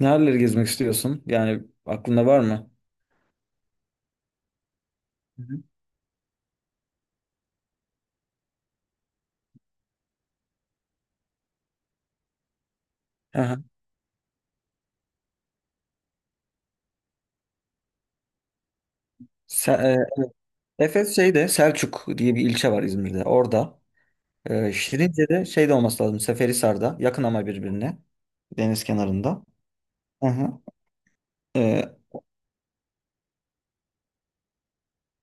Nereleri gezmek istiyorsun? Yani aklında var mı? Hı hı. Aha. Se- Efes şeyde Selçuk diye bir ilçe var İzmir'de. Orada. Şirince'de şeyde olması lazım. Seferihisar'da. Yakın ama birbirine. Deniz kenarında. Aha. E,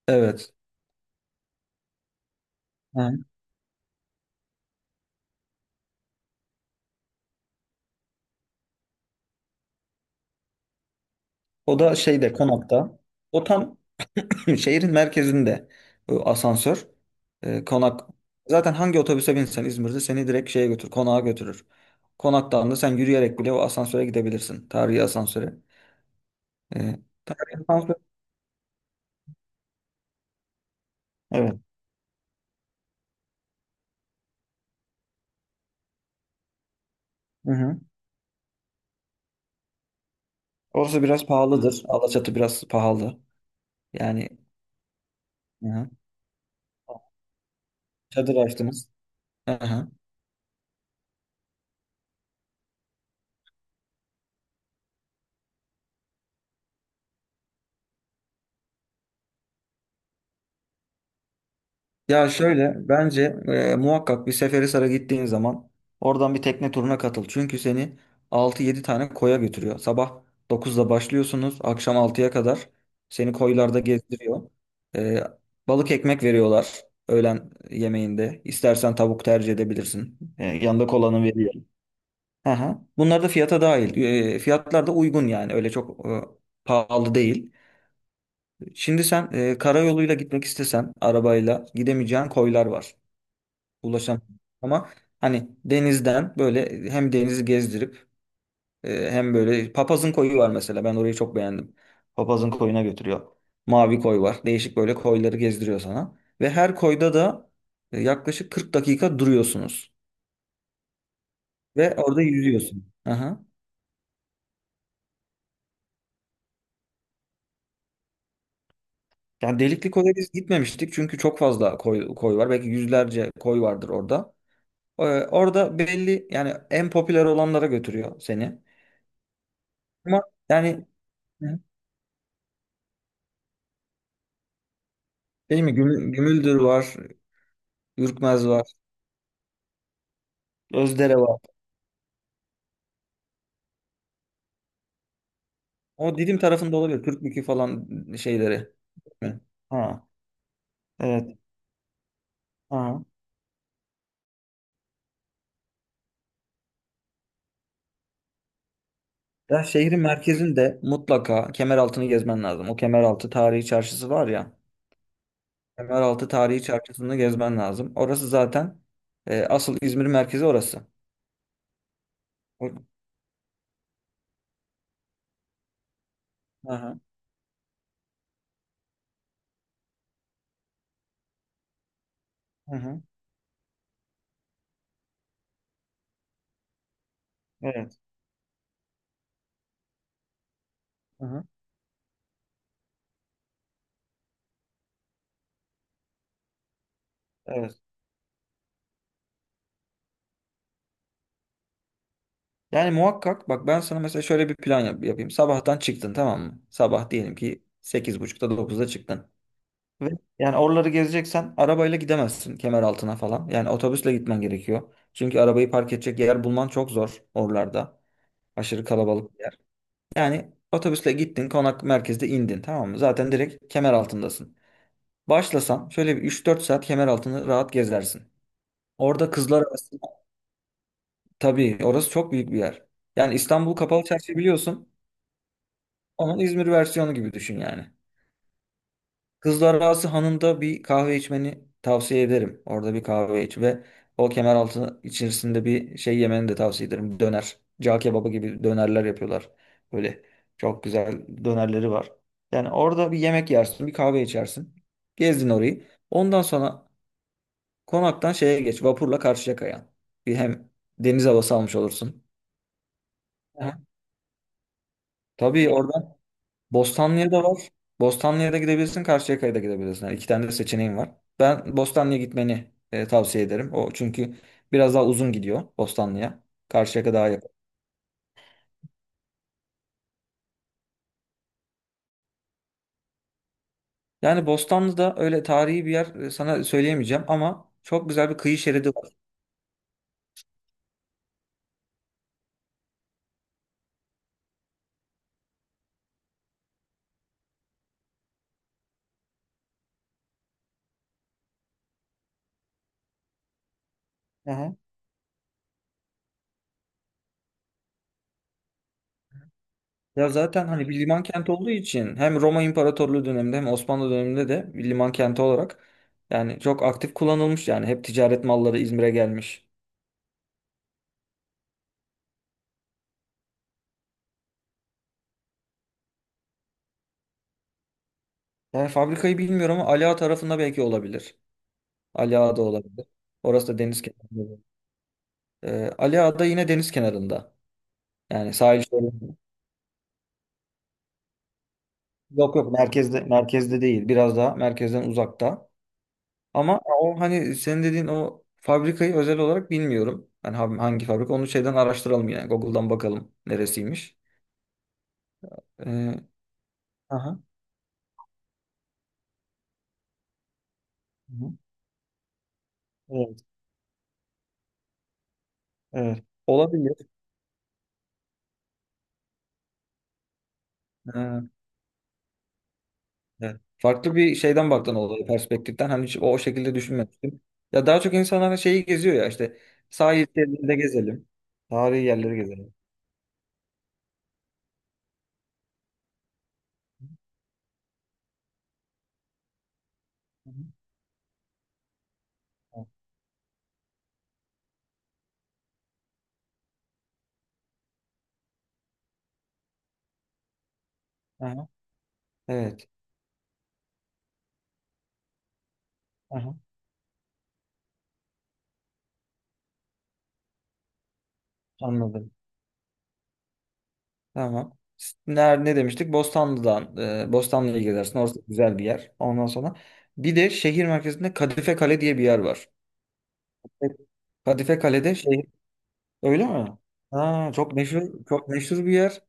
evet. Aha. O da şeyde Konak'ta. O tam. Şimdi şehrin merkezinde bu asansör, konak zaten hangi otobüse binsen İzmir'de seni direkt şeye götür konağa götürür. Konaktan da sen yürüyerek bile o asansöre gidebilirsin. Tarihi asansöre. E, tarihi asansör. Evet. Hı hı. Orası biraz pahalıdır. Alaçatı biraz pahalı. Yani hı hı. Çadır açtınız. Hı hı. Ya şöyle bence muhakkak bir Seferihisar'a gittiğin zaman oradan bir tekne turuna katıl. Çünkü seni altı yedi tane koya götürüyor. Sabah dokuzda başlıyorsunuz akşam altıya kadar seni koylarda gezdiriyor. E, balık ekmek veriyorlar öğlen yemeğinde. İstersen tavuk tercih edebilirsin. Yanında kolanı veriyor. Aha. Bunlar da fiyata dahil. Fiyatlar da uygun yani öyle çok pahalı değil. Şimdi sen karayoluyla gitmek istesen arabayla gidemeyeceğin koylar var, ulaşamam. Ama hani denizden böyle hem denizi gezdirip hem böyle papazın koyu var mesela. Ben orayı çok beğendim. Papazın koyuna götürüyor. Mavi koy var. Değişik böyle koyları gezdiriyor sana. Ve her koyda da yaklaşık 40 dakika duruyorsunuz. Ve orada yüzüyorsun. Aha. Yani Delikli Koy'a biz gitmemiştik çünkü çok fazla koy var. Belki yüzlerce koy vardır orada. Ee, orada belli yani en popüler olanlara götürüyor seni. Ama yani, değil mi? Gümüldür var. Ürkmez var. Özdere var. O Didim tarafında olabilir. Türkmükü falan şeyleri. Hı. Ha, evet. Ha. Ya şehrin merkezinde mutlaka Kemeraltı'nı gezmen lazım. O Kemeraltı Tarihi Çarşısı var ya. Kemeraltı Tarihi Çarşısı'nı gezmen lazım. Orası zaten asıl İzmir'in merkezi orası. O- Hı hı. Hı hı. Evet. Hı hı. Evet. Yani muhakkak bak ben sana mesela şöyle bir plan yapayım. Sabahtan çıktın, tamam mı? Sabah diyelim ki sekiz buçukta dokuzda çıktın. Ve yani oraları gezeceksen arabayla gidemezsin kemer altına falan. Yani otobüsle gitmen gerekiyor. Çünkü arabayı park edecek yer bulman çok zor oralarda. Aşırı kalabalık bir yer. Yani otobüsle gittin, konak merkezde indin, tamam mı? Zaten direkt kemer altındasın. Başlasan şöyle bir üç dört saat kemer altını rahat gezersin. Orada kızlar arasında, tabii orası çok büyük bir yer. Yani İstanbul Kapalı Çarşı biliyorsun. Onun İzmir versiyonu gibi düşün yani. Kızlar Ağası Hanı'nda bir kahve içmeni tavsiye ederim. Orada bir kahve iç ve o Kemeraltı içerisinde bir şey yemeni de tavsiye ederim. Döner. Cağ kebabı gibi dönerler yapıyorlar. Böyle çok güzel dönerleri var. Yani orada bir yemek yersin, bir kahve içersin. Gezdin orayı. Ondan sonra konaktan şeye geç, vapurla Karşıyaka'ya. Bir hem deniz havası almış olursun. Aha. Tabii orada Bostanlı'ya da var. Bostanlı'ya da gidebilirsin, Karşıyaka'ya da gidebilirsin. Yani iki tane de seçeneğin var. Ben Bostanlı'ya gitmeni tavsiye ederim. O çünkü biraz daha uzun gidiyor Bostanlı'ya. Karşıyaka daha yakın. Yani Bostanlı'da öyle tarihi bir yer sana söyleyemeyeceğim ama çok güzel bir kıyı şeridi var. Aha. Ya zaten hani bir liman kenti olduğu için hem Roma İmparatorluğu döneminde hem Osmanlı döneminde de bir liman kenti olarak, yani çok aktif kullanılmış, yani hep ticaret malları İzmir'e gelmiş. Yani fabrikayı bilmiyorum ama Ali Ağa tarafında belki olabilir. Ali Ağa'da olabilir. Orası da deniz kenarında. Ali Ağa'da yine deniz kenarında. Yani sahil şeridi. Yok yok, merkezde değil. Biraz daha merkezden uzakta. Ama o hani senin dediğin o fabrikayı özel olarak bilmiyorum. Yani hangi fabrika onu şeyden araştıralım, yani Google'dan bakalım neresiymiş. Ee, aha. Hı. Evet, evet. Olabilir. Ee, Evet. Farklı bir şeyden baktın olaya, perspektiften. Hani hiç o, o şekilde düşünmemiştim. Ya daha çok insanlar hani şeyi geziyor ya, işte sahil şeridinde gezelim. Tarihi yerleri gezelim. Hı hı. Aha, evet. Aha, anladım. Tamam. Ne demiştik? Bostanlı'dan. Bostanlı'ya gidersin. Orası güzel bir yer. Ondan sonra bir de şehir merkezinde Kadife Kale diye bir yer var. Evet. Kadife Kale'de şey, öyle mi? Ha, çok meşhur çok meşhur bir yer.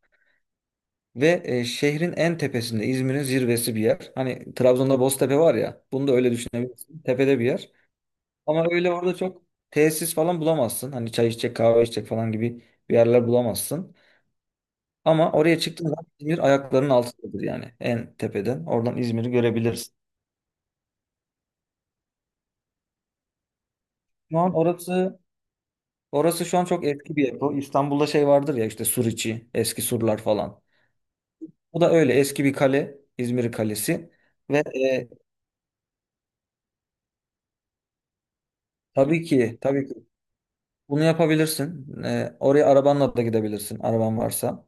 Ve şehrin en tepesinde, İzmir'in zirvesi bir yer. Hani Trabzon'da Boztepe var ya. Bunu da öyle düşünebilirsin. Tepede bir yer. Ama öyle orada çok tesis falan bulamazsın. Hani çay içecek, kahve içecek falan gibi bir yerler bulamazsın. Ama oraya çıktığın zaman İzmir ayaklarının altındadır yani. En tepeden. Oradan İzmir'i görebilirsin. Şu an orası şu an çok eski bir yapı. İstanbul'da şey vardır ya, işte sur içi, eski surlar falan. Bu da öyle eski bir kale, İzmir Kalesi ve tabii ki tabii ki bunu yapabilirsin. Oraya arabanla da gidebilirsin, araban varsa.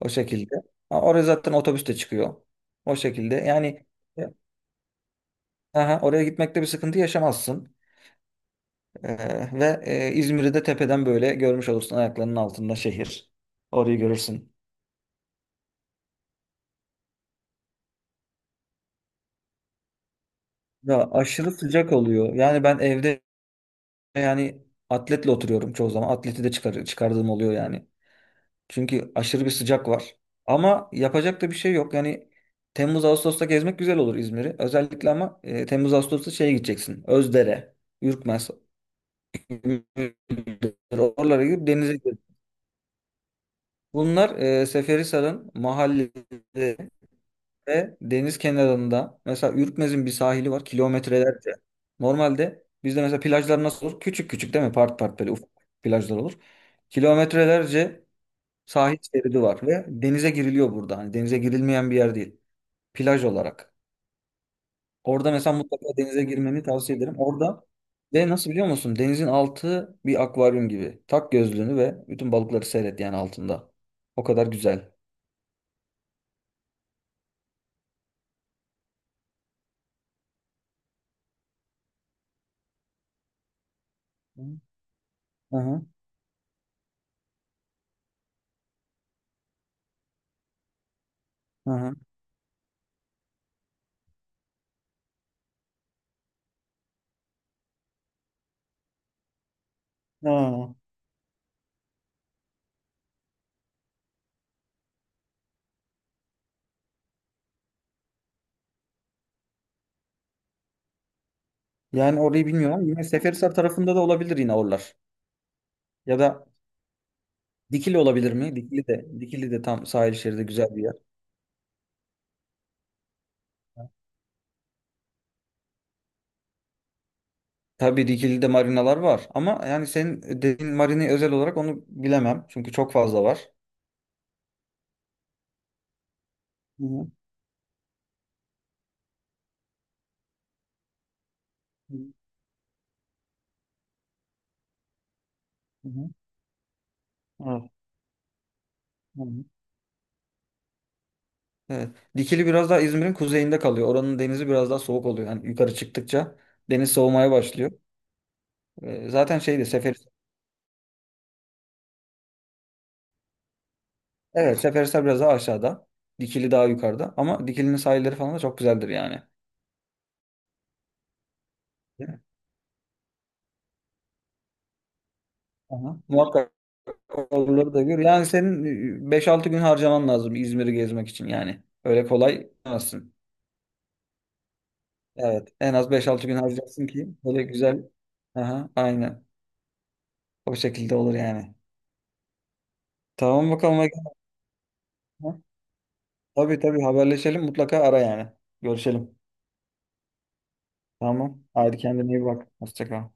O şekilde. Ha, oraya zaten otobüs de çıkıyor. O şekilde. Yani e, aha, oraya gitmekte bir sıkıntı yaşamazsın. Ve İzmir'i de tepeden böyle görmüş olursun. Ayaklarının altında şehir. Orayı görürsün. Ya aşırı sıcak oluyor. Yani ben evde yani atletle oturuyorum çoğu zaman. Atleti de çıkar, çıkardığım oluyor yani. Çünkü aşırı bir sıcak var. Ama yapacak da bir şey yok. Yani Temmuz Ağustos'ta gezmek güzel olur İzmir'i. Özellikle ama Temmuz Ağustos'ta şeye gideceksin. Özdere, Ürkmez, oralara gidip denize gir. Bunlar Seferihisar'ın mahallede ve deniz kenarında. Mesela Ürkmez'in bir sahili var kilometrelerce. Normalde bizde mesela plajlar nasıl olur? Küçük küçük, değil mi? Part part böyle ufak plajlar olur. Kilometrelerce sahil şeridi var ve denize giriliyor burada. Hani denize girilmeyen bir yer değil. Plaj olarak. Orada mesela mutlaka denize girmeni tavsiye ederim. Orada ve nasıl, biliyor musun? Denizin altı bir akvaryum gibi. Tak gözlüğünü ve bütün balıkları seyret yani altında. O kadar güzel. Hı hı. Hı hı. Aa. Yani orayı bilmiyorum ama yine Seferihisar tarafında da olabilir yine oralar. Ya da Dikili olabilir mi? Dikili de tam sahil şeridi güzel bir yer. Tabii Rigil'de marinalar var ama yani senin dediğin marinayı özel olarak onu bilemem. Çünkü çok fazla var. Hı hı. Hı hı. Evet. Hı hı. Evet. Dikili biraz daha İzmir'in kuzeyinde kalıyor. Oranın denizi biraz daha soğuk oluyor. Yani yukarı çıktıkça deniz soğumaya başlıyor. Zaten şeydi Evet, Seferihisar biraz daha aşağıda. Dikili daha yukarıda. Ama Dikili'nin sahilleri falan da çok güzeldir yani. Değil mi? Aha. Muhakkak oraları da gör. Yani senin 5-6 gün harcaman lazım İzmir'i gezmek için yani. Öyle kolay gidemezsin. Evet. En az beş altı gün harcarsın ki böyle güzel. Aha, aynen. O şekilde olur yani. Tamam bakalım. Ege. Ha, tabii tabii haberleşelim. Mutlaka ara yani. Görüşelim. Tamam. Haydi kendine iyi bak. Hoşça kal.